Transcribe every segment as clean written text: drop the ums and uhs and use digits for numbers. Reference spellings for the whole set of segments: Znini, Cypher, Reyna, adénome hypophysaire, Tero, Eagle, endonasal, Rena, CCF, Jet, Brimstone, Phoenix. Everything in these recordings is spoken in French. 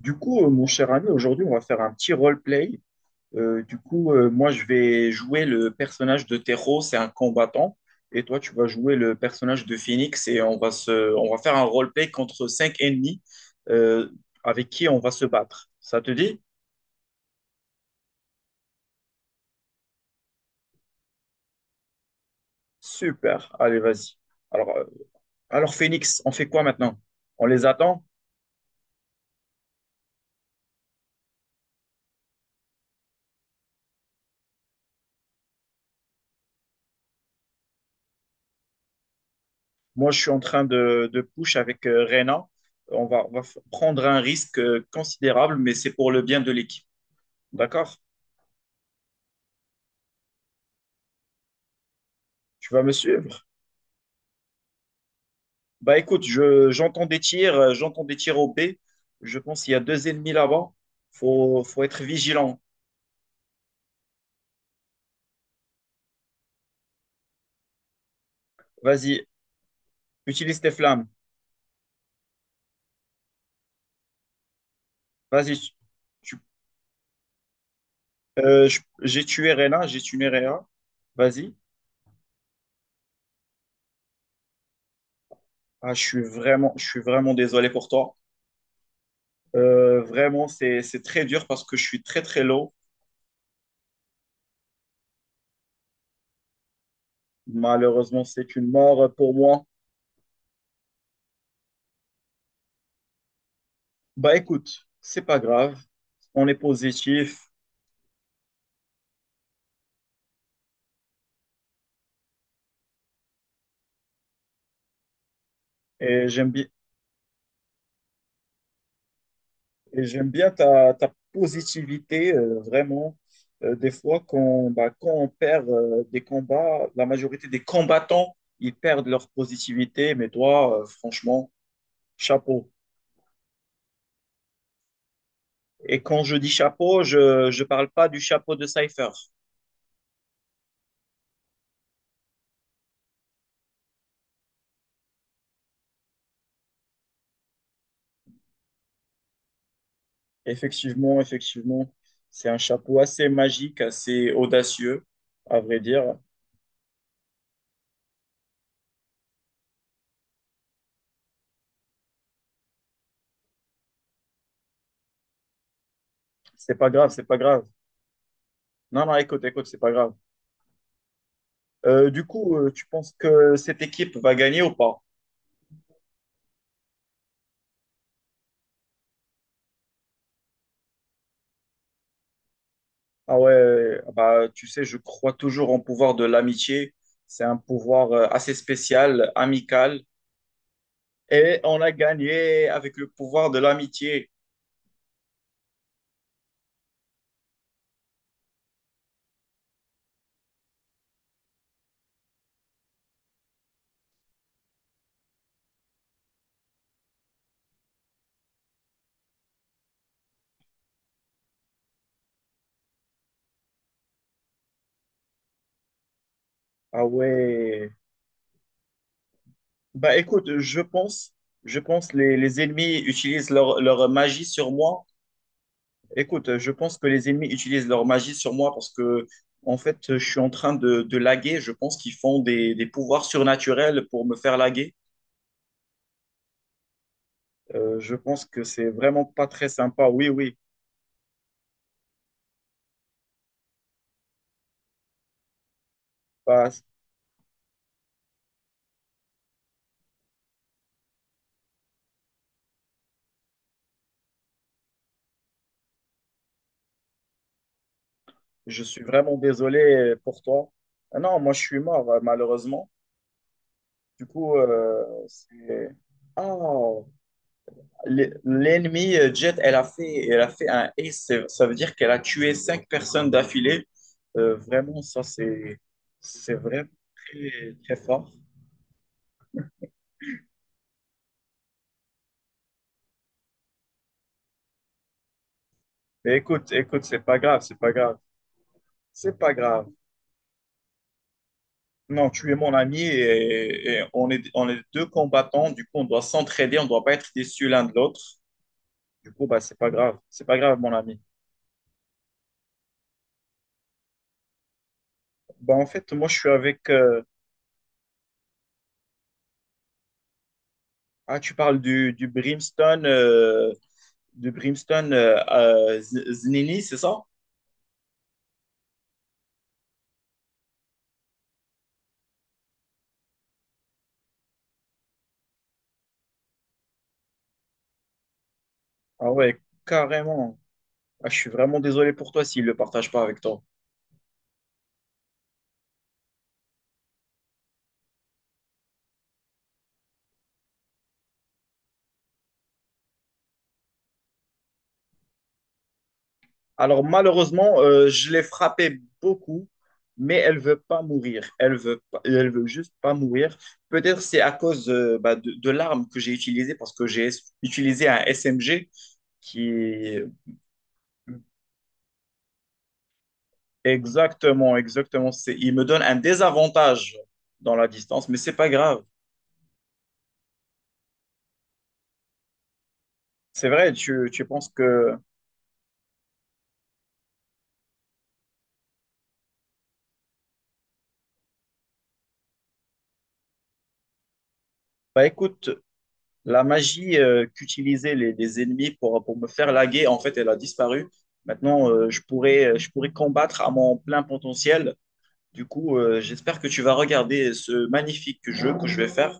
Du coup, mon cher ami, aujourd'hui, on va faire un petit roleplay. Du coup, moi, je vais jouer le personnage de Tero, c'est un combattant. Et toi, tu vas jouer le personnage de Phoenix et on va faire un roleplay contre cinq ennemis euh, avec qui on va se battre. Ça te dit? Super. Allez, vas-y. Alors, euh, alors, Phoenix, on fait quoi maintenant? On les attend? Moi, je suis en train de push avec Reyna. Prendre un risque considérable, mais c'est pour le bien de l'équipe. D'accord? Tu vas me suivre? Bah écoute, j'entends des tirs, au B. Je pense qu'il y a deux ennemis là-bas. Faut être vigilant. Vas-y, utilise tes flammes. Vas-y. Tu- j'ai tué Rena, j'ai tué Rena. Vas-y. Ah, je suis vraiment désolé pour toi. Vraiment, c'est très dur parce que je suis très très low. Malheureusement, c'est une mort pour moi. Bah écoute, c'est pas grave. On est positif et j'aime bien, Et j'aime bien ta positivité, vraiment. Des fois, bah, quand on perd des combats, la majorité des combattants, ils perdent leur positivité. Mais toi, franchement, chapeau. Et quand je dis chapeau, je ne parle pas du chapeau de Cypher. Effectivement, effectivement, c'est un chapeau assez magique, assez audacieux, à vrai dire. C'est pas grave, c'est pas grave. Non, non, écoute, écoute, c'est pas grave. Du coup, tu penses que cette équipe va gagner ou pas? Ah ouais, bah, tu sais, je crois toujours en pouvoir de l'amitié. C'est un pouvoir assez spécial, amical. Et on a gagné avec le pouvoir de l'amitié. Ah ouais. Bah écoute, je pense les ennemis utilisent leur magie sur moi. Écoute, je pense que les ennemis utilisent leur magie sur moi parce que, en fait, je suis en train de laguer. Je pense qu'ils font des pouvoirs surnaturels pour me faire laguer. Je pense que c'est vraiment pas très sympa. Oui, oui. Bah, je suis vraiment désolé pour toi. Ah non, moi je suis mort, malheureusement. Du coup, c'est. Ah, l'ennemi Jet, elle a fait un ace. Ça veut dire qu'elle a tué cinq personnes d'affilée. Vraiment, ça c'est vraiment très, très fort. Mais écoute, écoute, c'est pas grave, c'est pas grave, c'est pas grave. Non, tu es mon ami et on est deux combattants. Du coup, on doit s'entraider, on doit pas être déçus l'un de l'autre. Du coup, bah, c'est pas grave, mon ami. Bah, en fait, moi, je suis avec. Ah, tu parles du Brimstone, du Brimstone Znini, c'est ça? Ah ouais, carrément. Ah, je suis vraiment désolé pour toi s'il ne le partage pas avec toi. Alors malheureusement, je l'ai frappée beaucoup, mais elle veut pas mourir. Elle veut juste pas mourir. Peut-être c'est à cause bah, de l'arme que j'ai utilisée parce que j'ai utilisé un SMG qui est- exactement, exactement. Il me donne un désavantage dans la distance, mais c'est pas grave. C'est vrai, tu penses que bah écoute, la magie qu'utilisaient les ennemis pour me faire laguer, en fait, elle a disparu. Maintenant, je pourrais combattre à mon plein potentiel. Du coup, j'espère que tu vas regarder ce magnifique jeu que je vais faire.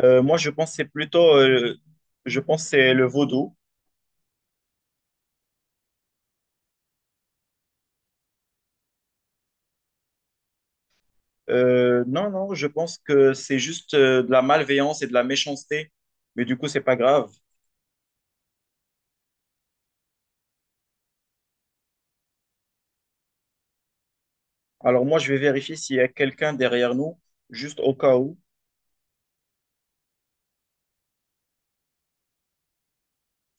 Moi, je pense que c'est plutôt, je pense que c'est le vaudou. Non, non, je pense que c'est juste de la malveillance et de la méchanceté. Mais du coup, c'est pas grave. Alors moi, je vais vérifier s'il y a quelqu'un derrière nous, juste au cas où.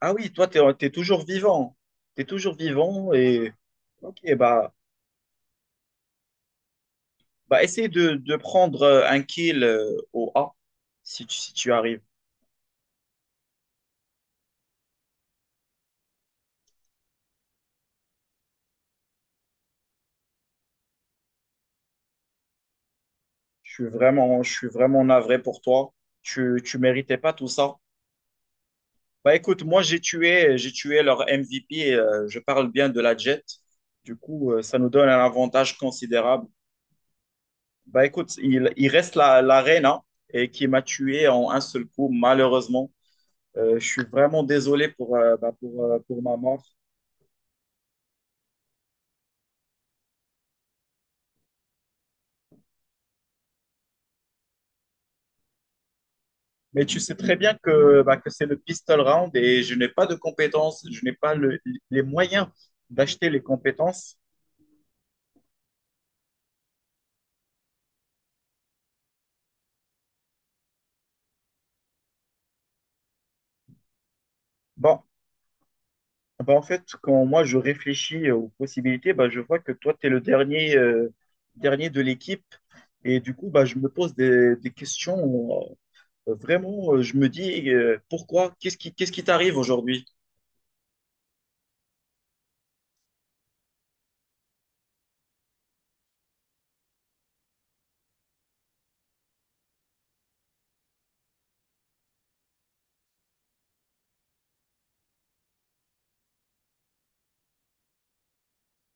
Ah oui, toi, t'es toujours vivant. T'es toujours vivant et. Ok, bah, essaye de prendre un kill au A si tu arrives. Je suis vraiment navré pour toi. Tu méritais pas tout ça. Bah écoute, moi j'ai tué leur MVP. Je parle bien de la Jet. Du coup, ça nous donne un avantage considérable. Bah écoute, il reste l'Arena et qui m'a tué en un seul coup, malheureusement. Je suis vraiment désolé pour, bah, pour ma mort. Mais tu sais très bien que, bah, que c'est le pistol round et je n'ai pas de compétences, je n'ai pas les moyens d'acheter les compétences. Bon, bah, en fait, quand moi je réfléchis aux possibilités, bah, je vois que toi, tu es dernier de l'équipe. Et du coup, bah, je me pose des questions. euh, Vraiment, je me dis, pourquoi? Qu'est-ce qui t'arrive aujourd'hui?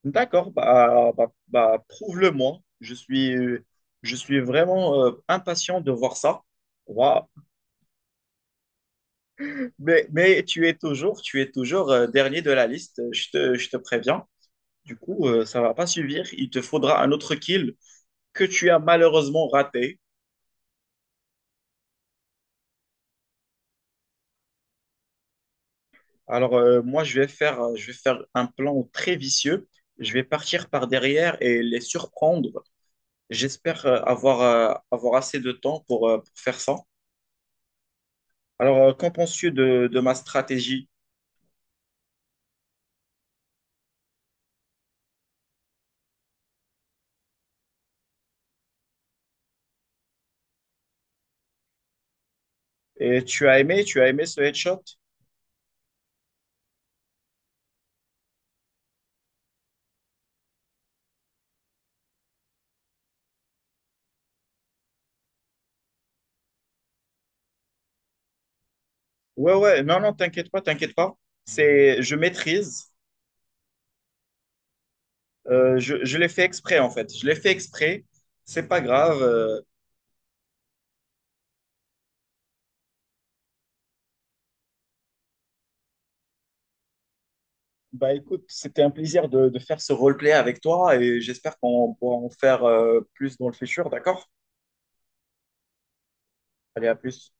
D'accord, bah, prouve-le-moi. Je suis vraiment impatient de voir ça. Waouh. Mais tu es toujours, dernier de la liste, je te préviens. Du coup, ça va pas suffire. Il te faudra un autre kill que tu as malheureusement raté. Alors, moi, je vais faire, un plan très vicieux. Je vais partir par derrière et les surprendre. J'espère avoir, assez de temps pour, faire ça. Alors, qu'en penses-tu de ma stratégie? Et tu as aimé ce headshot? Ouais, ouais, non, non, t'inquiète pas, t'inquiète pas. Je maîtrise. Je l'ai fait exprès, en fait. Je l'ai fait exprès. C'est pas grave. Bah, écoute, c'était un plaisir de faire ce roleplay avec toi et j'espère qu'on pourra en faire plus dans le futur, d'accord? Allez, à plus.